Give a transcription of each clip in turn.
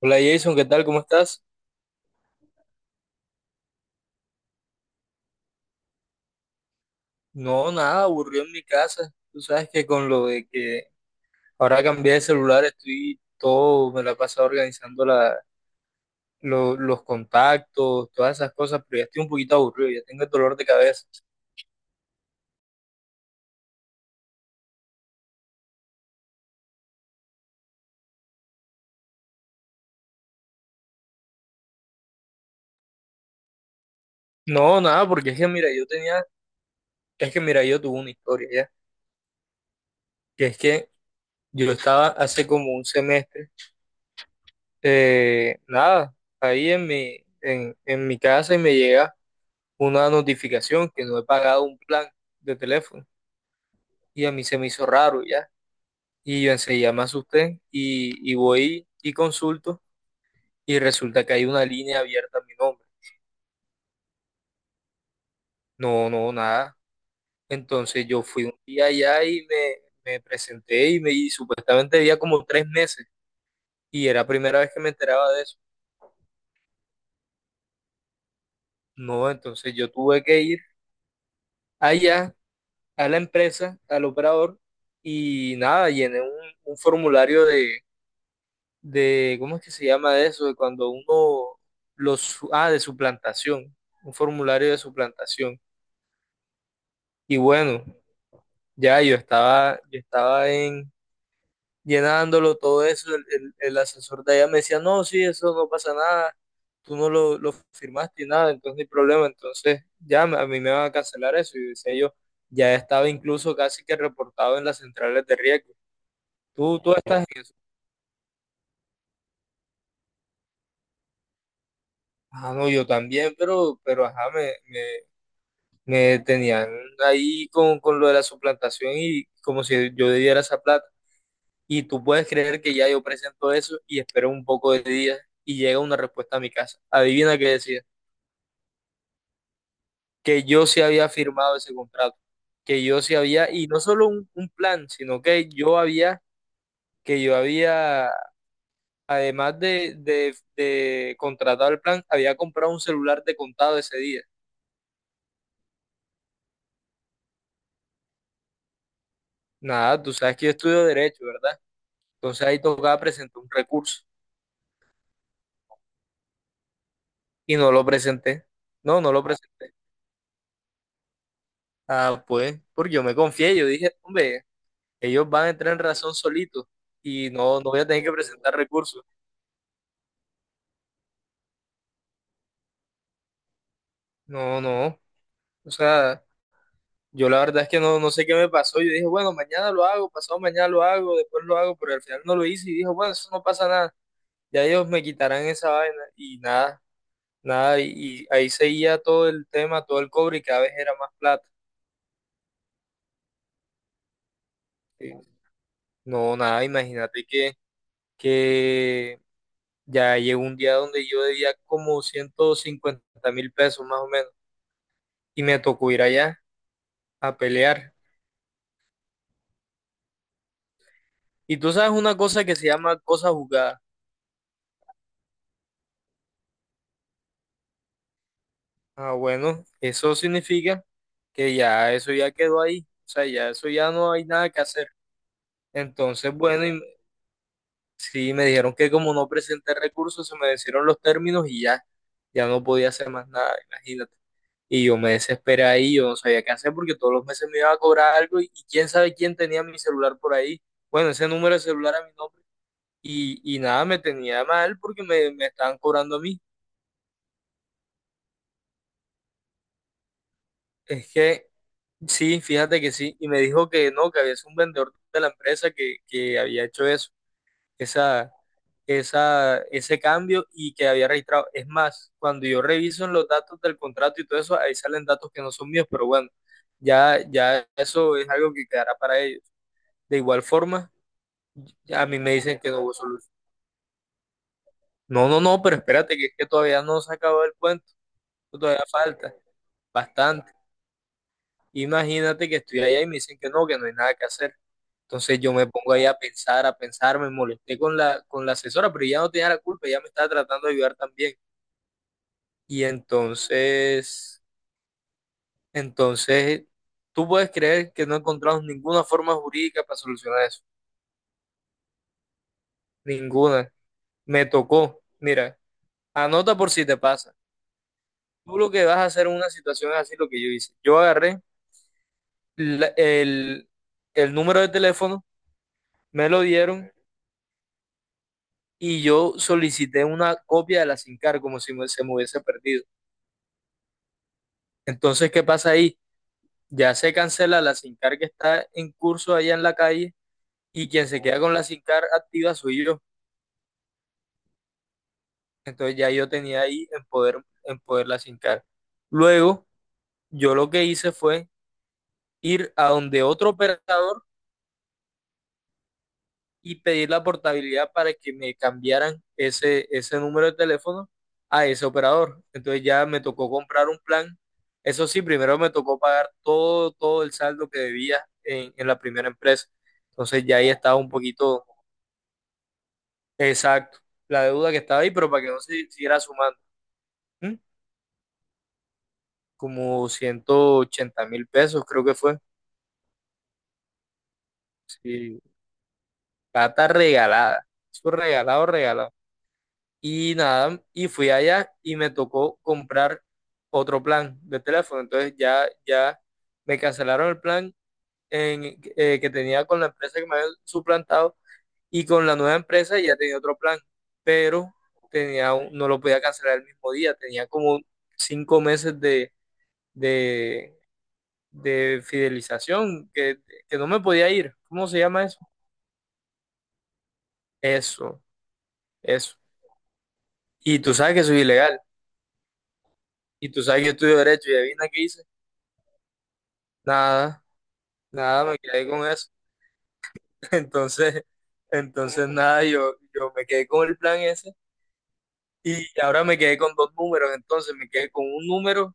Hola Jason, ¿qué tal? ¿Cómo estás? No, nada, aburrido en mi casa. Tú sabes que con lo de que ahora cambié de celular estoy todo, me la he pasado organizando los contactos, todas esas cosas, pero ya estoy un poquito aburrido, ya tengo el dolor de cabeza. No, nada, porque es que mira, yo tuve una historia ya, que es que yo estaba hace como un semestre, nada, ahí en mi casa y me llega una notificación que no he pagado un plan de teléfono. Y a mí se me hizo raro ya. Y yo enseguida me asusté y voy y consulto, y resulta que hay una línea abierta a mi nombre. No, no, nada. Entonces yo fui un día allá y me presenté y supuestamente había como 3 meses y era la primera vez que me enteraba de eso. No, entonces yo tuve que ir allá a la empresa, al operador y nada, llené un formulario ¿cómo es que se llama eso? De cuando uno de suplantación, un formulario de suplantación. Y bueno, ya llenándolo todo eso, el asesor de allá me decía, no, sí, eso no pasa nada, tú no lo firmaste y nada, entonces no hay problema, entonces a mí me van a cancelar eso. Y decía yo, ya estaba incluso casi que reportado en las centrales de riesgo. Tú estás en eso. Ah, no, yo también, pero ajá, me tenían ahí con lo de la suplantación y como si yo debiera esa plata. Y tú puedes creer que ya yo presento eso y espero un poco de días y llega una respuesta a mi casa. Adivina qué decía, que yo sí había firmado ese contrato, que yo sí había, y no solo un plan, sino que yo había, además de contratar el plan, había comprado un celular de contado ese día. Nada, tú sabes que yo estudio derecho, ¿verdad? Entonces ahí tocaba presentar un recurso. Y no lo presenté. No, no lo presenté. Ah, pues, porque yo me confié, yo dije, hombre, ellos van a entrar en razón solitos y no, no voy a tener que presentar recursos. No, no. O sea, yo la verdad es que no, no sé qué me pasó. Yo dije, bueno, mañana lo hago, pasado mañana lo hago, después lo hago, pero al final no lo hice y dije, bueno, eso no pasa nada. Ya ellos me quitarán esa vaina y nada, nada. Y ahí seguía todo el tema, todo el cobre y cada vez era más plata. Eh, No, nada, imagínate que ya llegó un día donde yo debía como 150.000 pesos más o menos y me tocó ir allá a pelear. Y tú sabes una cosa que se llama cosa jugada. Ah, bueno, eso significa que ya eso ya quedó ahí. O sea, ya eso ya no hay nada que hacer. Entonces, bueno, sí, me dijeron que como no presenté recursos, se me vencieron los términos y ya, ya no podía hacer más nada, imagínate. Y yo me desesperé ahí, yo no sabía qué hacer porque todos los meses me iba a cobrar algo y quién sabe quién tenía mi celular por ahí. Bueno, ese número de celular a mi nombre. Y nada, me tenía mal porque me estaban cobrando a mí. Es que sí, fíjate que sí. Y me dijo que no, que había sido un vendedor de la empresa que había hecho eso. esa, ese cambio y que había registrado. Es más, cuando yo reviso en los datos del contrato y todo eso, ahí salen datos que no son míos, pero bueno, ya, ya eso es algo que quedará para ellos. De igual forma, a mí me dicen que no hubo solución. No, no, no, pero espérate, que es que todavía no se acabó el cuento, todavía falta bastante. Imagínate que estoy allá y me dicen que no hay nada que hacer. Entonces yo me pongo ahí a pensar, me molesté con la asesora, pero ya no tenía la culpa, ella me estaba tratando de ayudar también. Y entonces, entonces, tú puedes creer que no encontramos ninguna forma jurídica para solucionar eso. Ninguna. Me tocó. Mira, anota por si te pasa. Tú lo que vas a hacer en una situación es así lo que yo hice. Yo agarré la- el, el número de teléfono, me lo dieron y yo solicité una copia de la SINCAR como si se me hubiese perdido. Entonces, ¿qué pasa ahí? Ya se cancela la SINCAR que está en curso allá en la calle, y quien se queda con la SINCAR activa soy yo. Entonces ya yo tenía ahí en poder la SINCAR. Luego, yo lo que hice fue ir a donde otro operador y pedir la portabilidad para que me cambiaran ese número de teléfono a ese operador. Entonces ya me tocó comprar un plan. Eso sí, primero me tocó pagar todo, todo el saldo que debía en la primera empresa. Entonces ya ahí estaba un poquito exacto la deuda que estaba ahí, pero para que no se siguiera sumando. ¿Mm? Como 180.000 pesos, creo que fue. Sí, plata regalada. Eso regalado, regalado. Y nada, y fui allá y me tocó comprar otro plan de teléfono. Entonces ya, ya me cancelaron el plan que tenía con la empresa que me había suplantado, y con la nueva empresa ya tenía otro plan, pero no lo podía cancelar el mismo día. Tenía como 5 meses de de fidelización, que no me podía ir. ¿Cómo se llama eso? Eso, eso. Y tú sabes que soy ilegal, y tú sabes que yo estudio derecho, y adivina qué hice. Nada, nada, me quedé con eso. Entonces, entonces nada, yo me quedé con el plan ese, y ahora me quedé con dos números, entonces me quedé con un número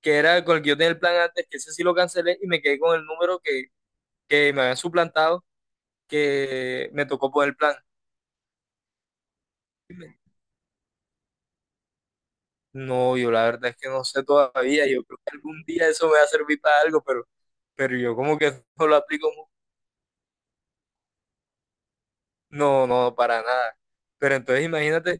que era con el que yo tenía el plan antes, que ese sí lo cancelé, y me quedé con el número que me habían suplantado, que me tocó por el plan. No, yo la verdad es que no sé todavía. Yo creo que algún día eso me va a servir para algo, pero yo como que no lo aplico. No, no, para nada. Pero entonces imagínate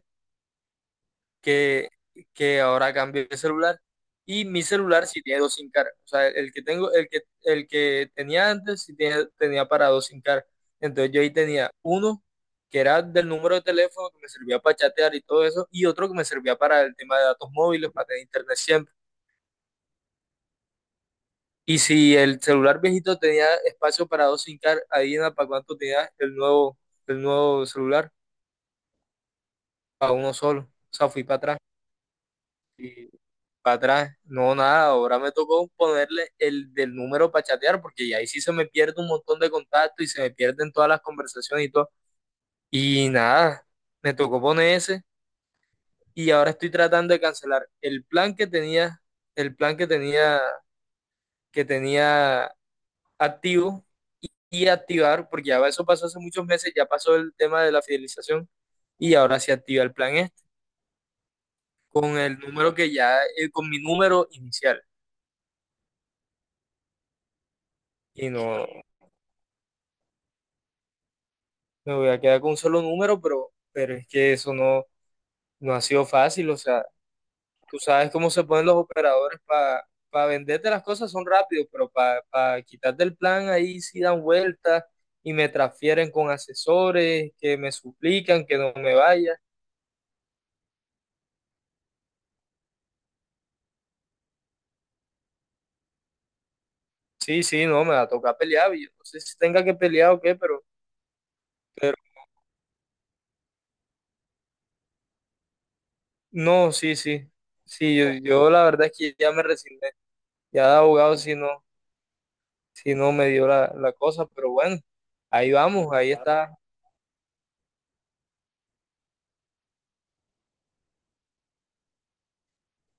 que, que ahora cambié de celular y mi celular sí tiene dos SIM cards. O sea, el que tengo, el que tenía antes sí tenía para dos SIM cards. Entonces yo ahí tenía uno que era del número de teléfono que me servía para chatear y todo eso, y otro que me servía para el tema de datos móviles, para tener internet. Y si el celular viejito tenía espacio para dos SIM card, ahí en la para cuánto tenía el nuevo celular, para uno solo. O sea, fui para atrás y para atrás, no, nada. Ahora me tocó ponerle el del número para chatear, porque ya ahí sí se me pierde un montón de contactos y se me pierden todas las conversaciones y todo. Y nada, me tocó poner ese y ahora estoy tratando de cancelar el plan que tenía activo y activar, porque ya eso pasó hace muchos meses, ya pasó el tema de la fidelización y ahora se activa el plan este con el número con mi número inicial. Y no me voy a quedar con un solo número, pero es que eso no, no ha sido fácil. O sea, tú sabes cómo se ponen los operadores para venderte las cosas, son rápidos, pero para quitarte el plan ahí sí dan vueltas y me transfieren con asesores que me suplican que no me vaya. Sí, sí, no, me va a tocar pelear. Yo no sé si tenga que pelear o qué, pero no, sí, sí. Sí, yo la verdad es que ya me resigné. Ya de abogado si no, si no me dio la cosa, pero bueno, ahí vamos, ahí está.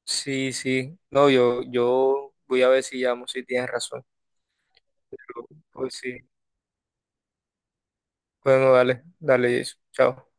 Sí, sí. No, yo voy a ver si llamo, si tienes razón. Pero, pues sí. Bueno, dale, dale eso. Chao.